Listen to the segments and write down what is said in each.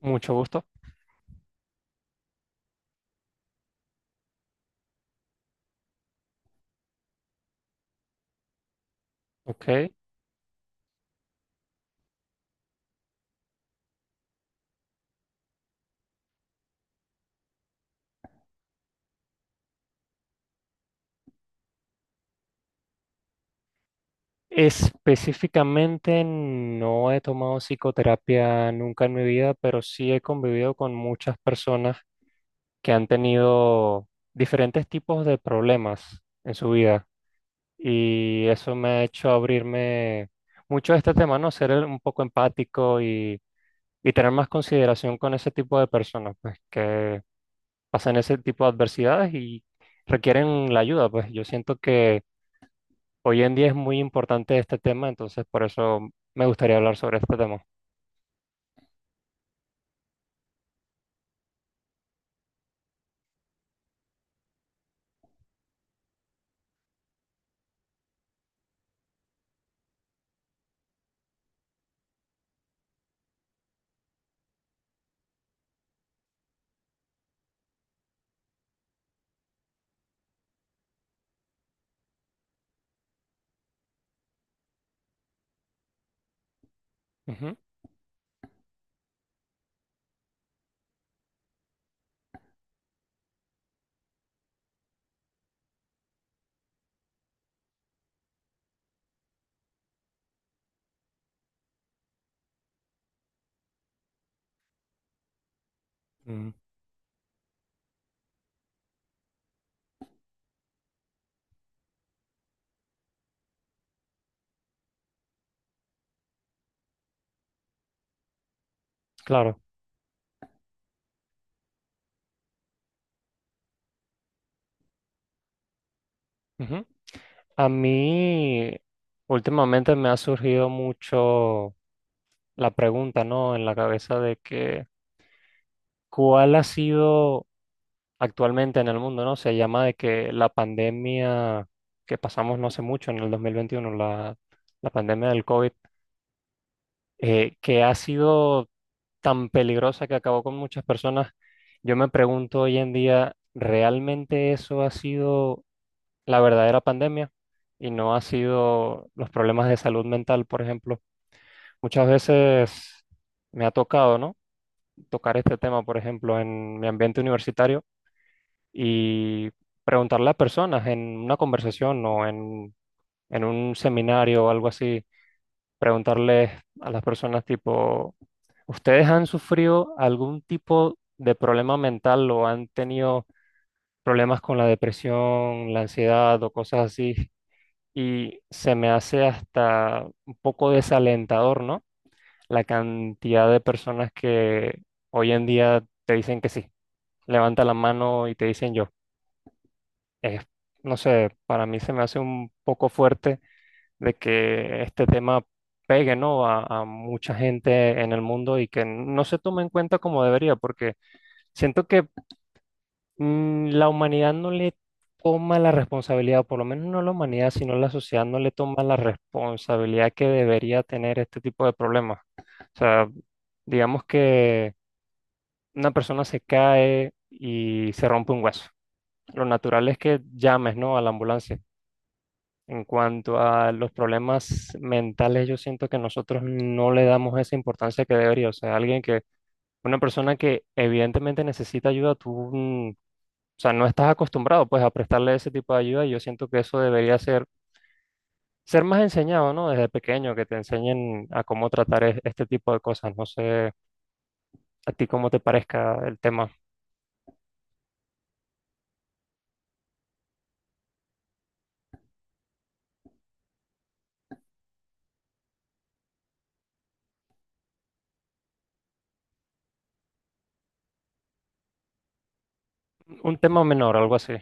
Mucho gusto. Ok. Específicamente no he tomado psicoterapia nunca en mi vida, pero sí he convivido con muchas personas que han tenido diferentes tipos de problemas en su vida. Y eso me ha hecho abrirme mucho a este tema, ¿no? Un poco empático y tener más consideración con ese tipo de personas, pues que pasan ese tipo de adversidades y requieren la ayuda. Pues yo siento que hoy en día es muy importante este tema, entonces por eso me gustaría hablar sobre este tema. Ujú. mm, Claro. Ujú. A mí últimamente me ha surgido mucho la pregunta, ¿no? En la cabeza de que ¿cuál ha sido actualmente en el mundo? ¿No? Se llama de que la pandemia que pasamos no hace mucho, en el 2021, la pandemia del COVID, que ha sido tan peligrosa que acabó con muchas personas. Yo me pregunto hoy en día, ¿realmente eso ha sido la verdadera pandemia y no ha sido los problemas de salud mental, por ejemplo? Muchas veces me ha tocado, ¿no? Tocar este tema, por ejemplo, en mi ambiente universitario y preguntarle a personas en una conversación o en un seminario o algo así, preguntarles a las personas tipo, ¿ustedes han sufrido algún tipo de problema mental o han tenido problemas con la depresión, la ansiedad o cosas así? Y se me hace hasta un poco desalentador, ¿no? La cantidad de personas que hoy en día te dicen que sí, levanta la mano y te dicen yo. Es, no sé, para mí se me hace un poco fuerte de que este tema pegue, ¿no? A mucha gente en el mundo y que no se tome en cuenta como debería, porque siento que la humanidad no le toma la responsabilidad, o por lo menos no la humanidad, sino la sociedad no le toma la responsabilidad que debería tener este tipo de problemas. O sea, digamos que una persona se cae y se rompe un hueso. Lo natural es que llames, ¿no?, a la ambulancia. En cuanto a los problemas mentales, yo siento que nosotros no le damos esa importancia que debería. O sea, alguien que, una persona que evidentemente necesita ayuda, tú, mm, o sea, no estás acostumbrado pues a prestarle ese tipo de ayuda, y yo siento que eso debería ser más enseñado, ¿no? Desde pequeño, que te enseñen a cómo tratar este tipo de cosas. No sé a ti cómo te parezca el tema. Un tema menor, algo así.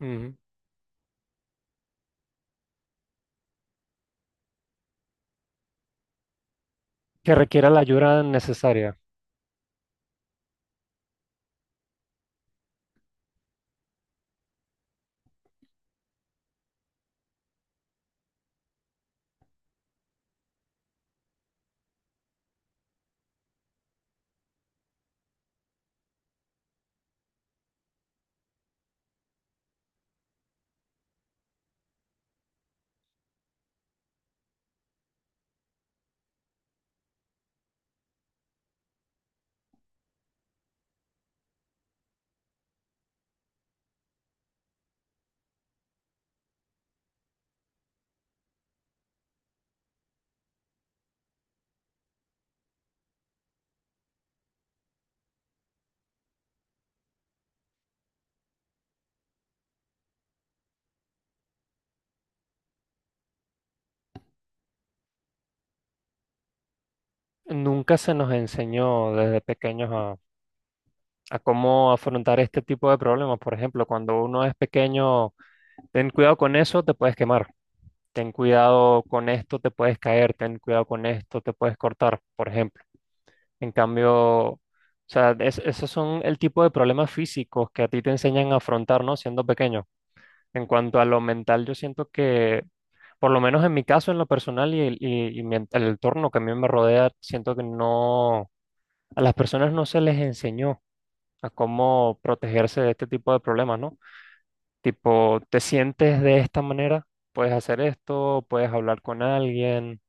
Ujú. Que requiera la ayuda necesaria. Nunca se nos enseñó desde pequeños a cómo afrontar este tipo de problemas. Por ejemplo, cuando uno es pequeño, ten cuidado con eso, te puedes quemar. Ten cuidado con esto, te puedes caer. Ten cuidado con esto, te puedes cortar, por ejemplo. En cambio, o sea, esos son el tipo de problemas físicos que a ti te enseñan a afrontar, ¿no? Siendo pequeño. En cuanto a lo mental, yo siento que, por lo menos en mi caso, en lo personal y mi el entorno que a mí me rodea, siento que no, a las personas no se les enseñó a cómo protegerse de este tipo de problemas, ¿no? Tipo, te sientes de esta manera, puedes hacer esto, puedes hablar con alguien,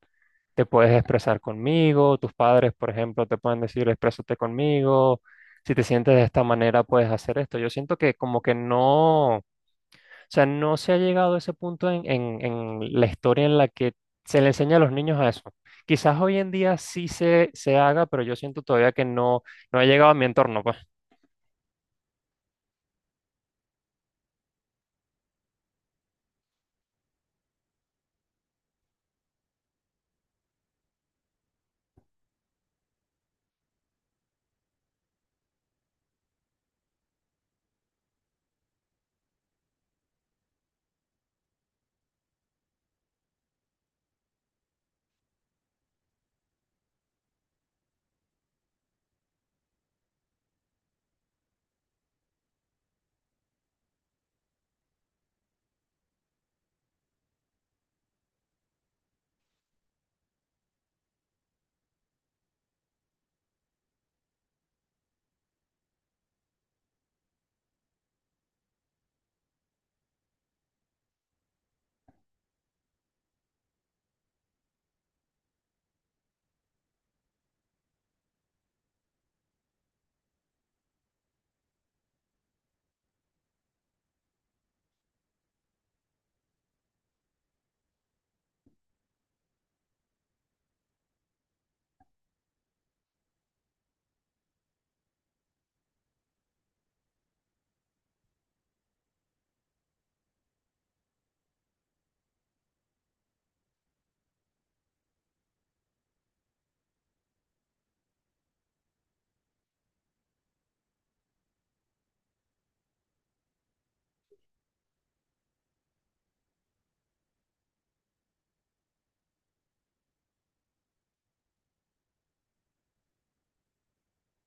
te puedes expresar conmigo, tus padres, por ejemplo, te pueden decir, exprésate conmigo, si te sientes de esta manera, puedes hacer esto. Yo siento que como que no, o sea, no se ha llegado a ese punto en, en la historia en la que se le enseña a los niños a eso. Quizás hoy en día sí se haga, pero yo siento todavía que no, no ha llegado a mi entorno, pues.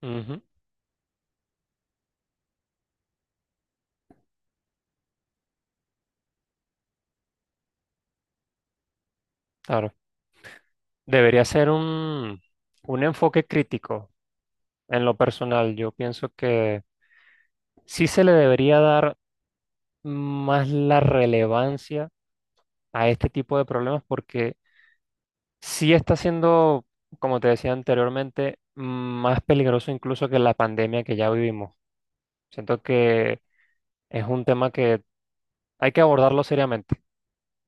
Ujú, claro. Debería ser un enfoque crítico en lo personal. Yo pienso que sí se le debería dar más la relevancia a este tipo de problemas porque sí está siendo, como te decía anteriormente, más peligroso incluso que la pandemia que ya vivimos. Siento que es un tema que hay que abordarlo seriamente.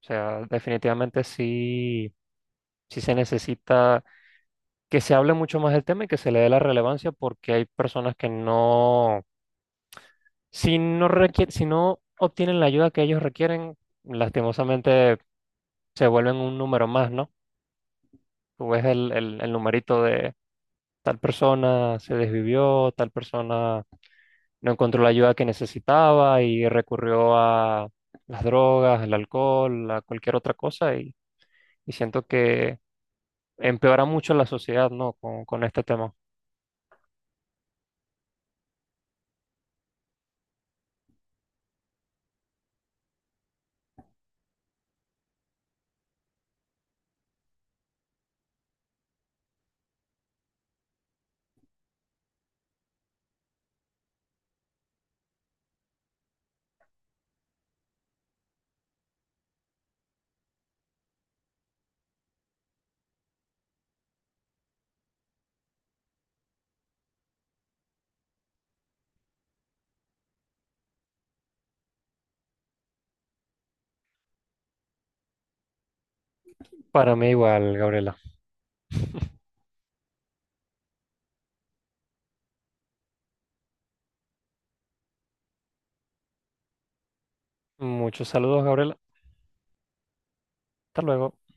O sea, definitivamente sí, sí se necesita que se hable mucho más del tema y que se le dé la relevancia, porque hay personas que no. Si no obtienen la ayuda que ellos requieren, lastimosamente se vuelven un número más, ¿no? Tú ves el, el numerito de tal persona se desvivió, tal persona no encontró la ayuda que necesitaba y recurrió a las drogas, el alcohol, a cualquier otra cosa, y siento que empeora mucho la sociedad, ¿no? Con este tema. Para mí igual, Gabriela. Muchos saludos, Gabriela. Hasta luego.